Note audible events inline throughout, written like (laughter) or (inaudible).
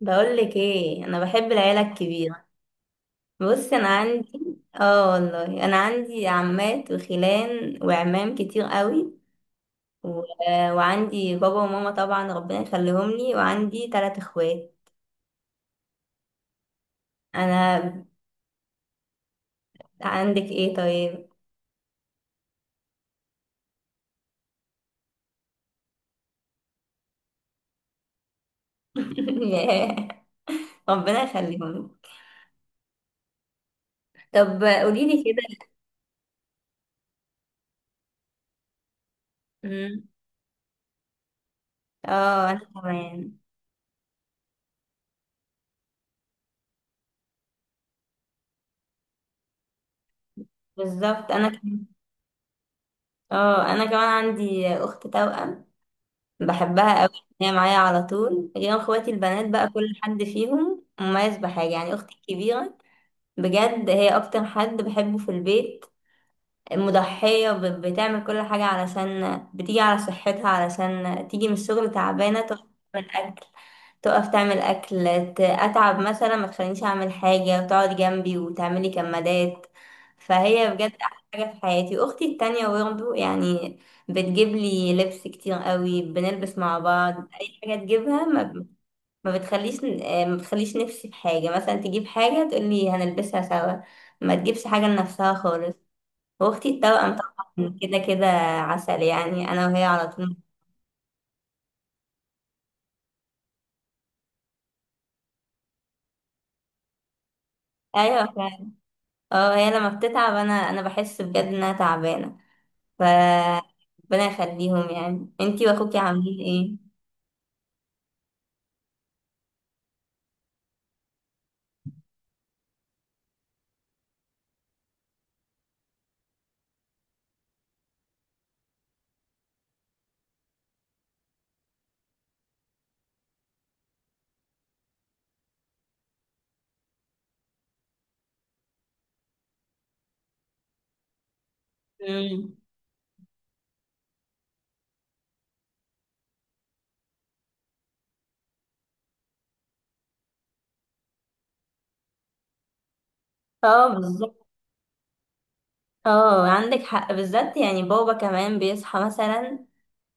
بقولك ايه، انا بحب العيله الكبيره. بص، انا عندي، اه والله، انا عندي عمات وخلان وعمام كتير قوي. و... وعندي بابا وماما طبعا ربنا يخليهم لي، وعندي 3 اخوات. انا عندك ايه طيب؟ (laughs) ياه، ربنا يخليهم لي. طب قولي لي كده. مم. اه، انا كمان. بالظبط، انا كمان. اه انا كمان عندي اخت توأم، بحبها قوي، هي معايا على طول. غير اخواتي البنات بقى، كل حد فيهم مميز بحاجة. يعني اختي الكبيرة، بجد هي اكتر حد بحبه في البيت. مضحية، بتعمل كل حاجة، علشان بتيجي على صحتها، علشان تيجي من الشغل تعبانة، تقف تعمل أكل. تقف تعمل أكل. أتعب مثلا ما تخلينيش أعمل حاجة، وتقعد جنبي وتعملي كمادات. فهي بجد أحلى حاجة في حياتي. أختي التانية برضه يعني بتجيب لي لبس كتير قوي، بنلبس مع بعض. أي حاجة تجيبها، ما بتخليش نفسي في حاجة. مثلا تجيب حاجة تقولي هنلبسها سوا، ما تجيبش حاجة لنفسها خالص. واختي التوأم طبعا كده كده عسل، يعني انا وهي على طول. ايوه فعلا. اه، هي لما بتتعب انا بحس بجد انها تعبانه. ف ربنا يخليهم. يعني انتي واخوكي عاملين ايه؟ اه، بالظبط. اه، عندك حق. بالذات يعني بابا كمان بيصحى مثلا،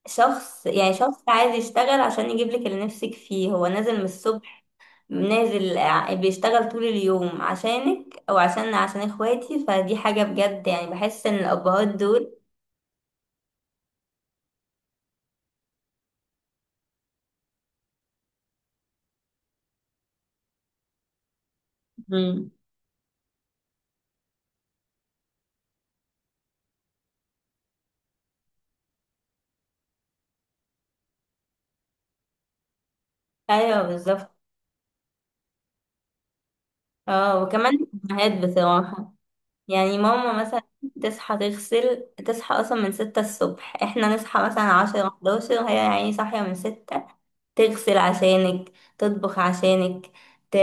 شخص، يعني شخص عايز يشتغل عشان يجيب لك اللي نفسك فيه. هو نازل من الصبح، نازل بيشتغل طول اليوم عشانك، او عشان اخواتي. فدي حاجة بجد، يعني بحس ان الابهات دول. مم. ايوه بالظبط. اه، وكمان الامهات بصراحه، يعني ماما مثلا تصحى تغسل. تصحى اصلا من 6 الصبح، احنا نصحى مثلا 10 11، هي يعني صاحيه من 6. تغسل عشانك، تطبخ عشانك، ت...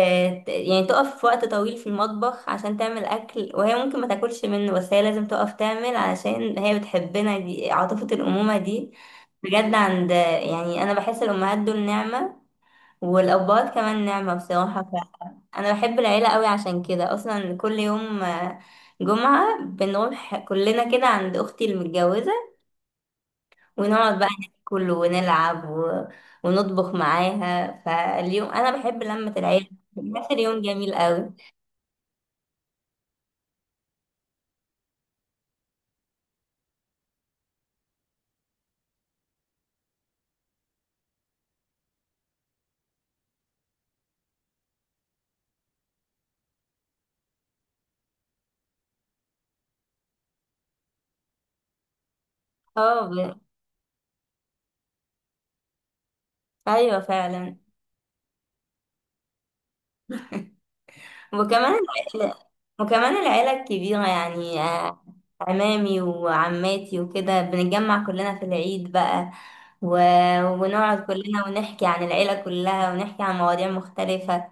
يعني تقف في وقت طويل في المطبخ عشان تعمل اكل، وهي ممكن ما تاكلش منه، بس هي لازم تقف تعمل علشان هي بتحبنا. دي عاطفه الامومه دي، بجد. عند، يعني انا بحس الامهات دول نعمه، والابهات كمان نعمه بصراحه. انا بحب العيله قوي، عشان كده اصلا كل يوم جمعه بنروح كلنا كده عند اختي المتجوزه، ونقعد بقى ناكل ونلعب ونطبخ معاها. فاليوم انا بحب لمه العيله، بيبقى اليوم جميل قوي. اه، ايوه فعلا. وكمان العيله وكمان العيله الكبيره، يعني عمامي وعماتي وكده، بنتجمع كلنا في العيد بقى و... ونقعد كلنا، ونحكي عن العيله كلها، ونحكي عن مواضيع مختلفه.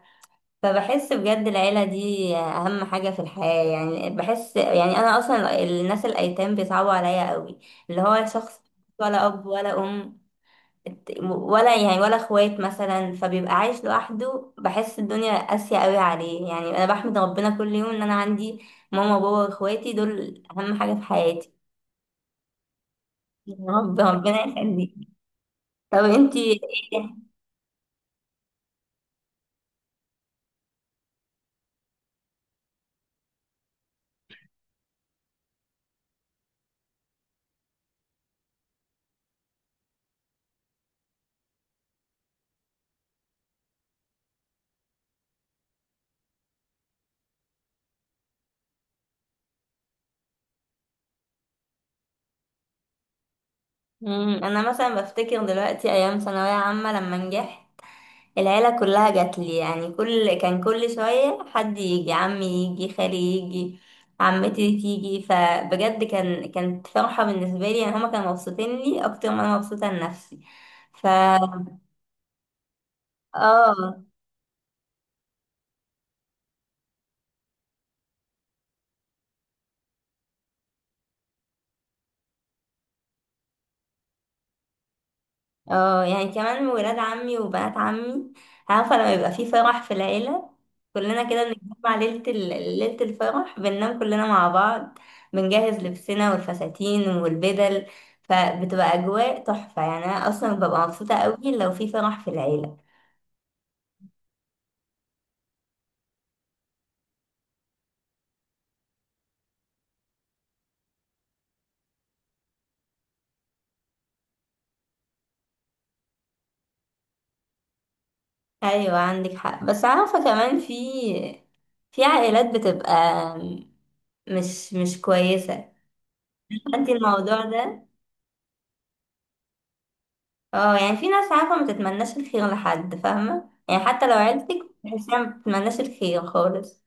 فبحس بجد العيلة دي أهم حاجة في الحياة، يعني بحس. يعني أنا أصلا الناس الأيتام بيصعبوا عليا قوي، اللي هو شخص ولا أب ولا أم، ولا يعني ولا اخوات مثلا، فبيبقى عايش لوحده، بحس الدنيا قاسية قوي عليه. يعني أنا بحمد ربنا كل يوم إن أنا عندي ماما وبابا وإخواتي، دول أهم حاجة في حياتي. يا رب. ربنا يخليك. طب انتي؟ ايه. انا مثلا بفتكر دلوقتي ايام ثانويه عامه، لما نجحت، العيلة كلها جات لي. يعني كل شوية حد يجي، عمي يجي، خالي يجي، عمتي تيجي. فبجد كانت فرحة بالنسبة لي، يعني هما كانوا مبسوطين لي أكتر ما أنا مبسوطة لنفسي. ف اه. اه. يعني كمان ولاد عمي وبنات عمي، عارفة لما يبقى في فرح في العيلة، كلنا كده بنتجمع ليلة ليلة الفرح، بننام كلنا مع بعض، بنجهز لبسنا والفساتين والبدل، فبتبقى أجواء تحفة. يعني أنا أصلا ببقى مبسوطة قوي لو في فرح في العيلة. أيوة عندك حق. بس عارفة كمان، في عائلات بتبقى مش كويسة. انت الموضوع ده، اه، يعني في ناس، عارفة، ما تتمناش الخير لحد، فاهمة؟ يعني حتى لو عيلتك، بتحسيها ما بتتمناش الخير خالص.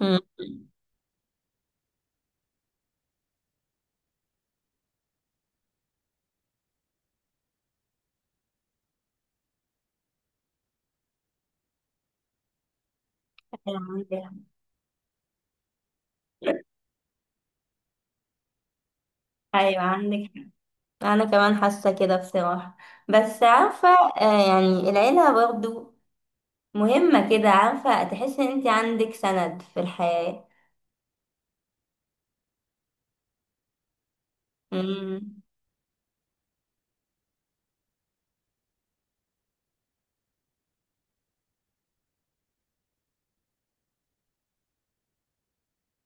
مم. أيوة عندك. ايوه عندك. انا كمان حاسه كده بصراحه، بس عارفه، يعني العيله برضو مهمه كده، عارفه، تحس ان انت عندك سند في الحياه. امم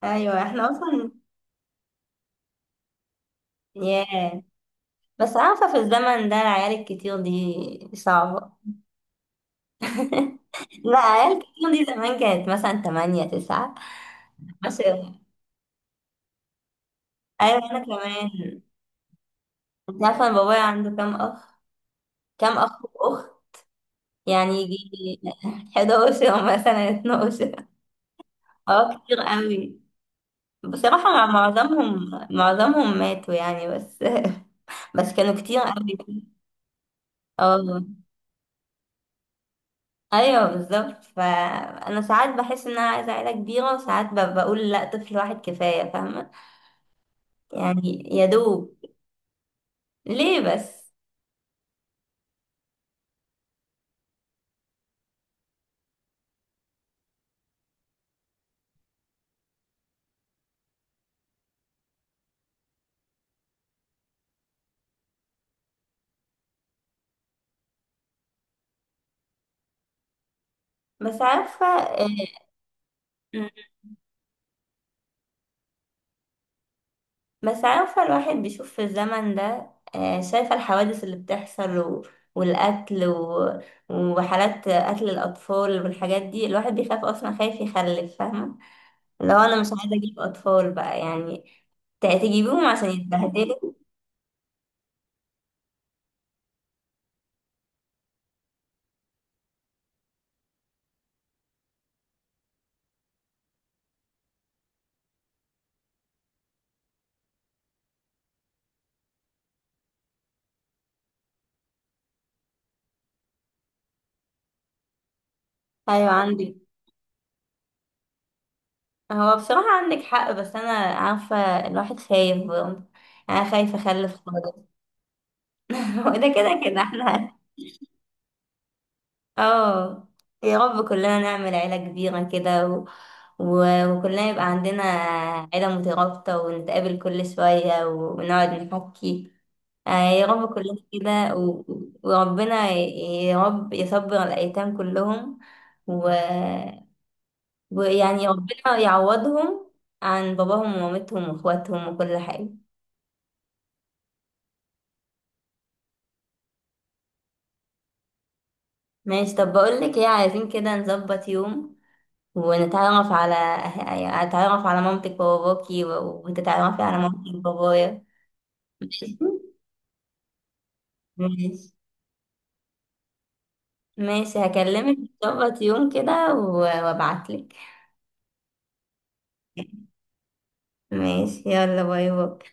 ايوه احنا اصلا. ياه. بس عارفه في الزمن ده العيال الكتير دي صعبه. (laughs) لا، عيال كتير دي زمان كانت مثلا تمانية تسعة 10. أيوة أنا كمان. أنت عارفة أنا بابايا عنده كام أخ؟ كام أخ وأخت؟ يعني يجي 11، (laughs) مثلا 12. اه كتير قوي. بصراحة مع معظمهم ماتوا يعني، بس. (laughs) بس كانوا كتير قوي. اه. ايوه بالظبط. فانا ساعات بحس ان انا عايزه عيله كبيره، وساعات بقول لا، طفل واحد كفايه، فاهمه؟ يعني يا دوب. ليه بس؟ بس عارفه. مم. بس عارفة الواحد بيشوف في الزمن ده، شايفة الحوادث اللي بتحصل والقتل وحالات قتل الأطفال والحاجات دي. الواحد بيخاف أصلا، خايف يخلف، فاهمة؟ لو أنا مش عايزة أجيب أطفال بقى يعني، تجيبيهم عشان يتبهدلوا؟ أيوة عندك. هو بصراحة عندك حق، بس أنا عارفة الواحد خايف برضه. أنا خايفة أخلف خالص. (laughs) هو ده كده كده احنا. اه. يا رب كلنا نعمل عيلة كبيرة كده وكلنا يبقى عندنا عيلة مترابطة، ونتقابل كل شوية، ونقعد نحكي. يا رب كلنا كده يا رب يصبر الأيتام كلهم، و... ويعني ربنا يعوضهم عن باباهم ومامتهم واخواتهم وكل حاجة. ماشي. طب بقولك ايه، عايزين كده نظبط يوم ونتعرف على، يعني أتعرف على مامتك وباباكي، وتتعرفي على مامتك وبابايا. ماشي. ماشي. ماشي هكلمك. نظبط يوم كده وابعتلك. ماشي. يلا باي باي.